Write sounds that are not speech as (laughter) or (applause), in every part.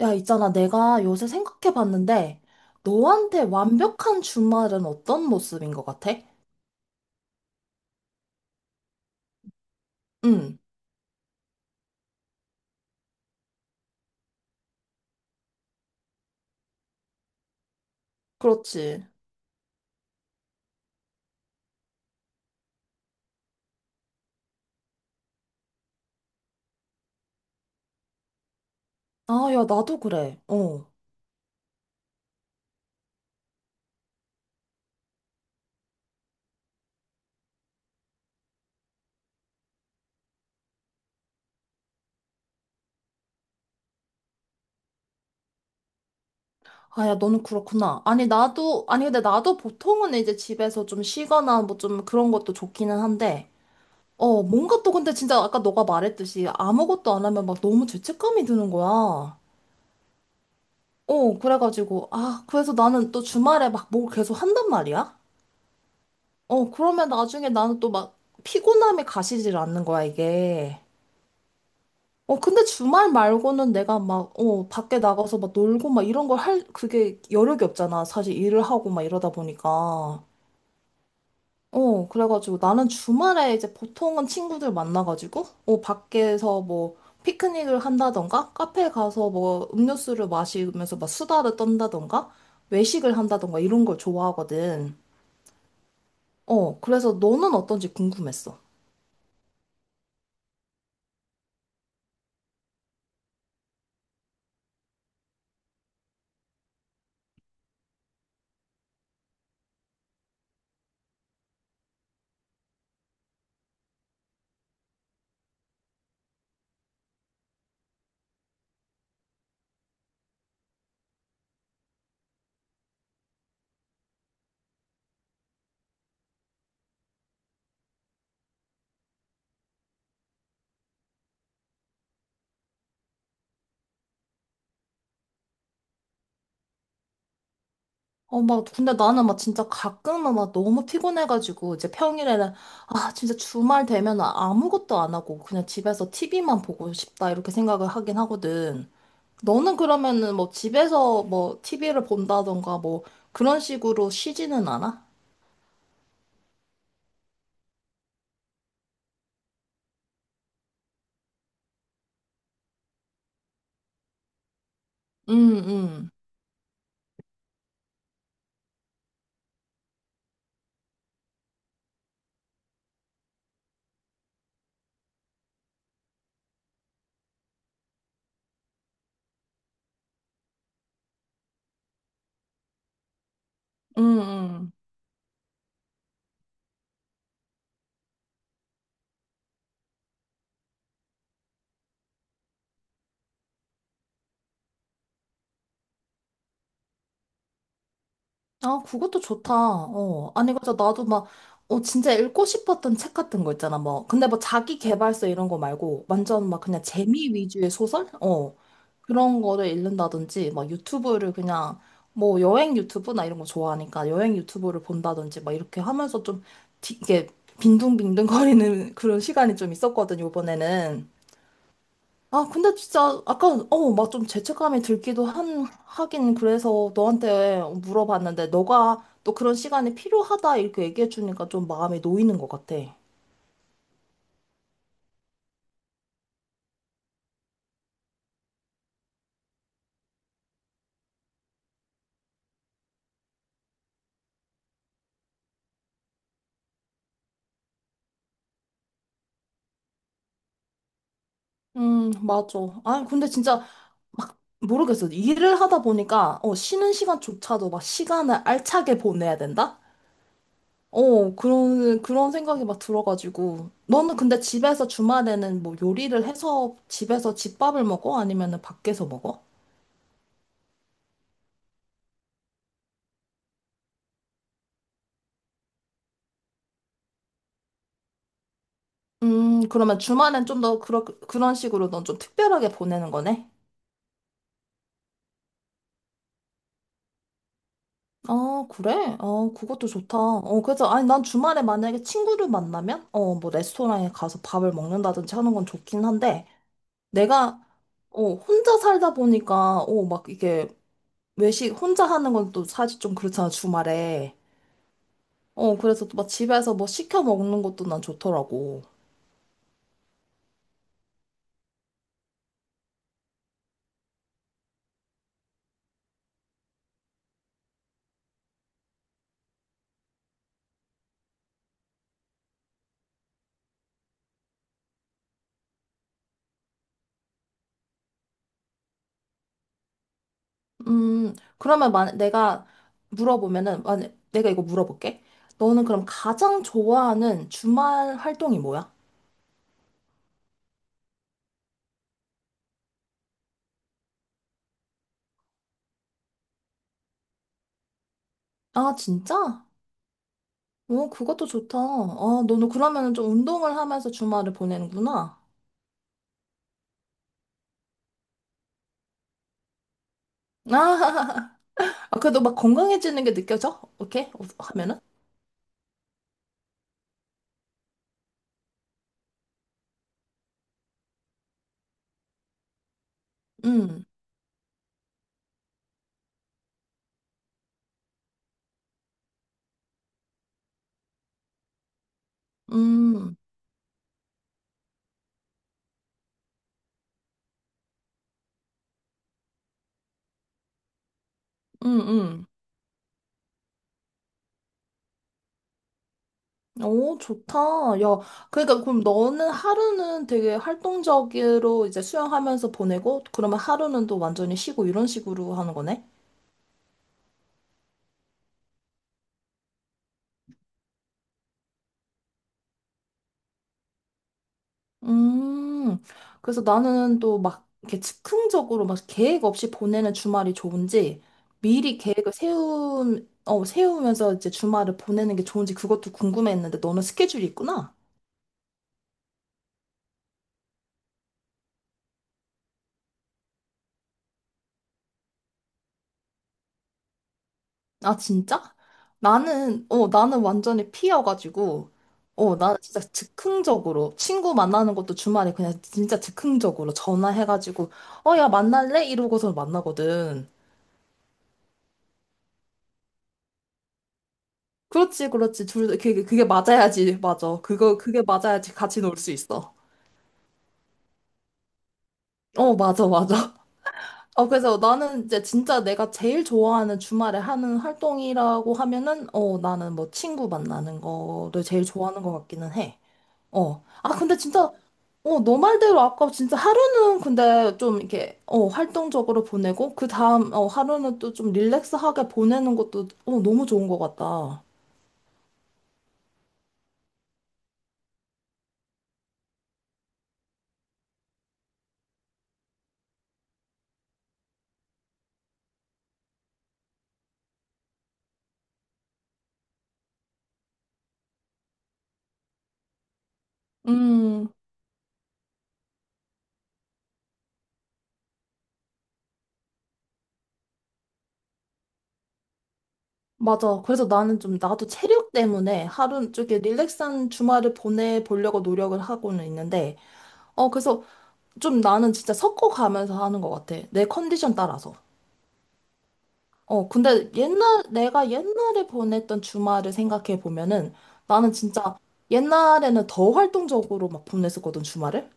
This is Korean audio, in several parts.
야, 있잖아. 내가 요새 생각해 봤는데, 너한테 완벽한 주말은 어떤 모습인 것 같아? 응, 그렇지. 아, 야, 나도 그래. 어. 아, 야, 너는 그렇구나. 아니, 나도, 아니, 근데 나도 보통은 이제 집에서 좀 쉬거나 뭐 좀 그런 것도 좋기는 한데, 뭔가 또 근데 진짜 아까 너가 말했듯이 아무것도 안 하면 막 너무 죄책감이 드는 거야. 그래가지고, 아, 그래서 나는 또 주말에 막 뭘 계속 한단 말이야? 그러면 나중에 나는 또 막 피곤함이 가시질 않는 거야, 이게. 근데 주말 말고는 내가 막, 밖에 나가서 막 놀고 막 이런 걸 할, 그게 여력이 없잖아. 사실 일을 하고 막 이러다 보니까. 그래가지고 나는 주말에 이제 보통은 친구들 만나가지고, 밖에서 뭐 피크닉을 한다던가, 카페 가서 뭐 음료수를 마시면서 막 수다를 떤다던가, 외식을 한다던가 이런 걸 좋아하거든. 그래서 너는 어떤지 궁금했어. 막, 근데 나는 막 진짜 가끔은 막 너무 피곤해가지고, 이제 평일에는, 아, 진짜 주말 되면 아무것도 안 하고, 그냥 집에서 TV만 보고 싶다, 이렇게 생각을 하긴 하거든. 너는 그러면은 뭐 집에서 뭐 TV를 본다던가 뭐 그런 식으로 쉬지는 않아? 응, 응, 응, 응. 아, 그것도 좋다. 어. 아니, 그래서 나도 막, 진짜 읽고 싶었던 책 같은 거 있잖아. 뭐, 근데 뭐 자기 개발서 이런 거 말고, 완전 막 그냥 재미 위주의 소설? 어. 그런 거를 읽는다든지, 막 유튜브를 그냥, 뭐 여행 유튜브나 이런 거 좋아하니까 여행 유튜브를 본다든지, 막 이렇게 하면서 좀, 이게 빈둥빈둥 거리는 (laughs) 그런 시간이 좀 있었거든, 요번에는. 아, 근데 진짜 아까 막 좀 죄책감이 들기도 한 하긴 그래서 너한테 물어봤는데 너가 또 그런 시간이 필요하다 이렇게 얘기해 주니까 좀 마음이 놓이는 것 같아. 맞아. 아, 근데 진짜 모르겠어. 일을 하다 보니까 쉬는 시간조차도 막 시간을 알차게 보내야 된다? 그런 생각이 막 들어가지고 너는 근데 집에서 주말에는 뭐 요리를 해서 집에서 집밥을 먹어? 아니면은 밖에서 먹어? 그러면 주말엔 좀 더 그런 식으로 넌 좀 특별하게 보내는 거네? 아, 그래? 그것도 좋다. 그래서, 아니, 난 주말에 만약에 친구를 만나면, 뭐, 레스토랑에 가서 밥을 먹는다든지 하는 건 좋긴 한데, 내가, 혼자 살다 보니까, 막 이게, 외식, 혼자 하는 건 또 사실 좀 그렇잖아, 주말에. 그래서 또 막 집에서 뭐 시켜 먹는 것도 난 좋더라고. 그러면 만 내가 물어보면은, 만 내가 이거 물어볼게. 너는 그럼 가장 좋아하는 주말 활동이 뭐야? 아, 진짜? 오, 그것도 좋다. 아, 너는 그러면은 좀 운동을 하면서 주말을 보내는구나. 아, (laughs) 아, 그래도 막 건강해지는 게 느껴져? 오케이? 하면은? 음, 음, 음, 음. 오, 좋다. 야, 그러니까 그럼 너는 하루는 되게 활동적으로 이제 수영하면서 보내고, 그러면 하루는 또 완전히 쉬고 이런 식으로 하는 거네? 음, 그래서 나는 또 막 이렇게 즉흥적으로 막 계획 없이 보내는 주말이 좋은지, 미리 계획을 세우면서 이제 주말을 보내는 게 좋은지 그것도 궁금했는데 너는 스케줄이 있구나? 아, 진짜? 나는 완전히 피여가지고, 나 진짜 즉흥적으로, 친구 만나는 것도 주말에 그냥 진짜 즉흥적으로 전화해가지고, 야, 만날래? 이러고서 만나거든. 그렇지, 그렇지. 둘, 그게 맞아야지. 맞아. 그거, 그게 맞아야지. 같이 놀 수 있어. 어, 맞아, 맞아. (laughs) 그래서 나는 이제 진짜 내가 제일 좋아하는 주말에 하는 활동이라고 하면은, 나는 뭐 친구 만나는 거를 제일 좋아하는 것 같기는 해. 어. 아, 근데 진짜, 너 말대로 아까 진짜 하루는 근데 좀 이렇게, 활동적으로 보내고, 그 다음, 하루는 또 좀 릴렉스하게 보내는 것도, 너무 좋은 것 같다. 음, 맞아. 그래서 나는 좀, 나도 체력 때문에 하루 쪽에 릴렉스한 주말을 보내보려고 노력을 하고는 있는데, 그래서 좀 나는 진짜 섞어가면서 하는 것 같아. 내 컨디션 따라서. 근데 옛날, 내가 옛날에 보냈던 주말을 생각해 보면은 나는 진짜 옛날에는 더 활동적으로 막 보냈었거든, 주말을.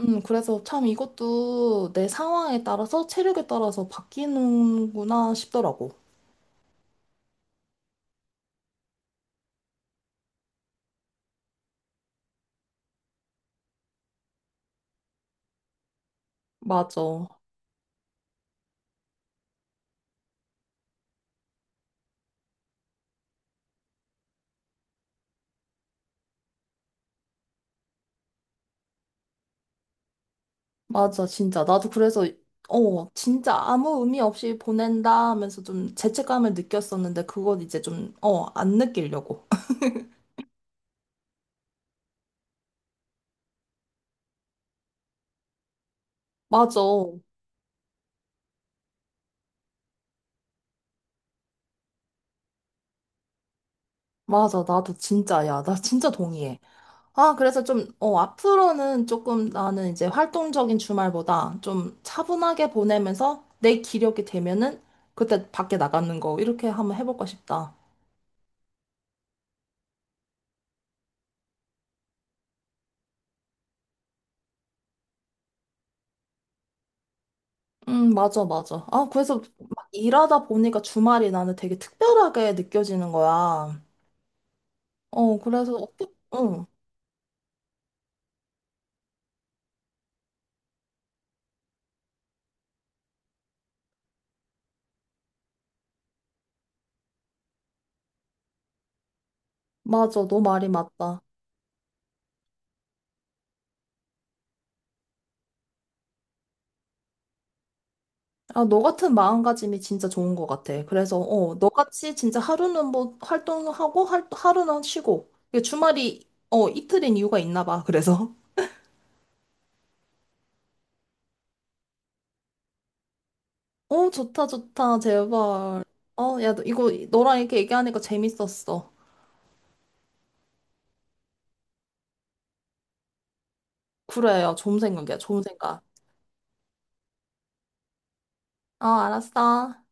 그래서 참 이것도 내 상황에 따라서 체력에 따라서 바뀌는구나 싶더라고. 맞아. 맞아, 진짜. 나도 그래서, 진짜 아무 의미 없이 보낸다 하면서 좀 죄책감을 느꼈었는데 그건 이제 좀, 안 느끼려고. (laughs) 맞아. 맞아. 나도 진짜, 야, 나 진짜 동의해. 아, 그래서 좀, 앞으로는 조금 나는 이제 활동적인 주말보다 좀 차분하게 보내면서 내 기력이 되면은 그때 밖에 나가는 거 이렇게 한번 해볼까 싶다. 맞아, 맞아. 아, 그래서 막 일하다 보니까 주말이 나는 되게 특별하게 느껴지는 거야. 그래서, 응, 맞아. 너 말이 맞다. 아, 너 같은 마음가짐이 진짜 좋은 것 같아. 그래서, 너같이 진짜 하루는 뭐 활동하고, 하루는 쉬고. 이게 주말이, 이틀인 이유가 있나 봐. 그래서. (laughs) 어, 좋다, 좋다. 제발. 야, 너 이거 너랑 이렇게 얘기하니까 재밌었어. 그래, 야, 좋은 생각이야. 좋은 생각. 어, 알았어.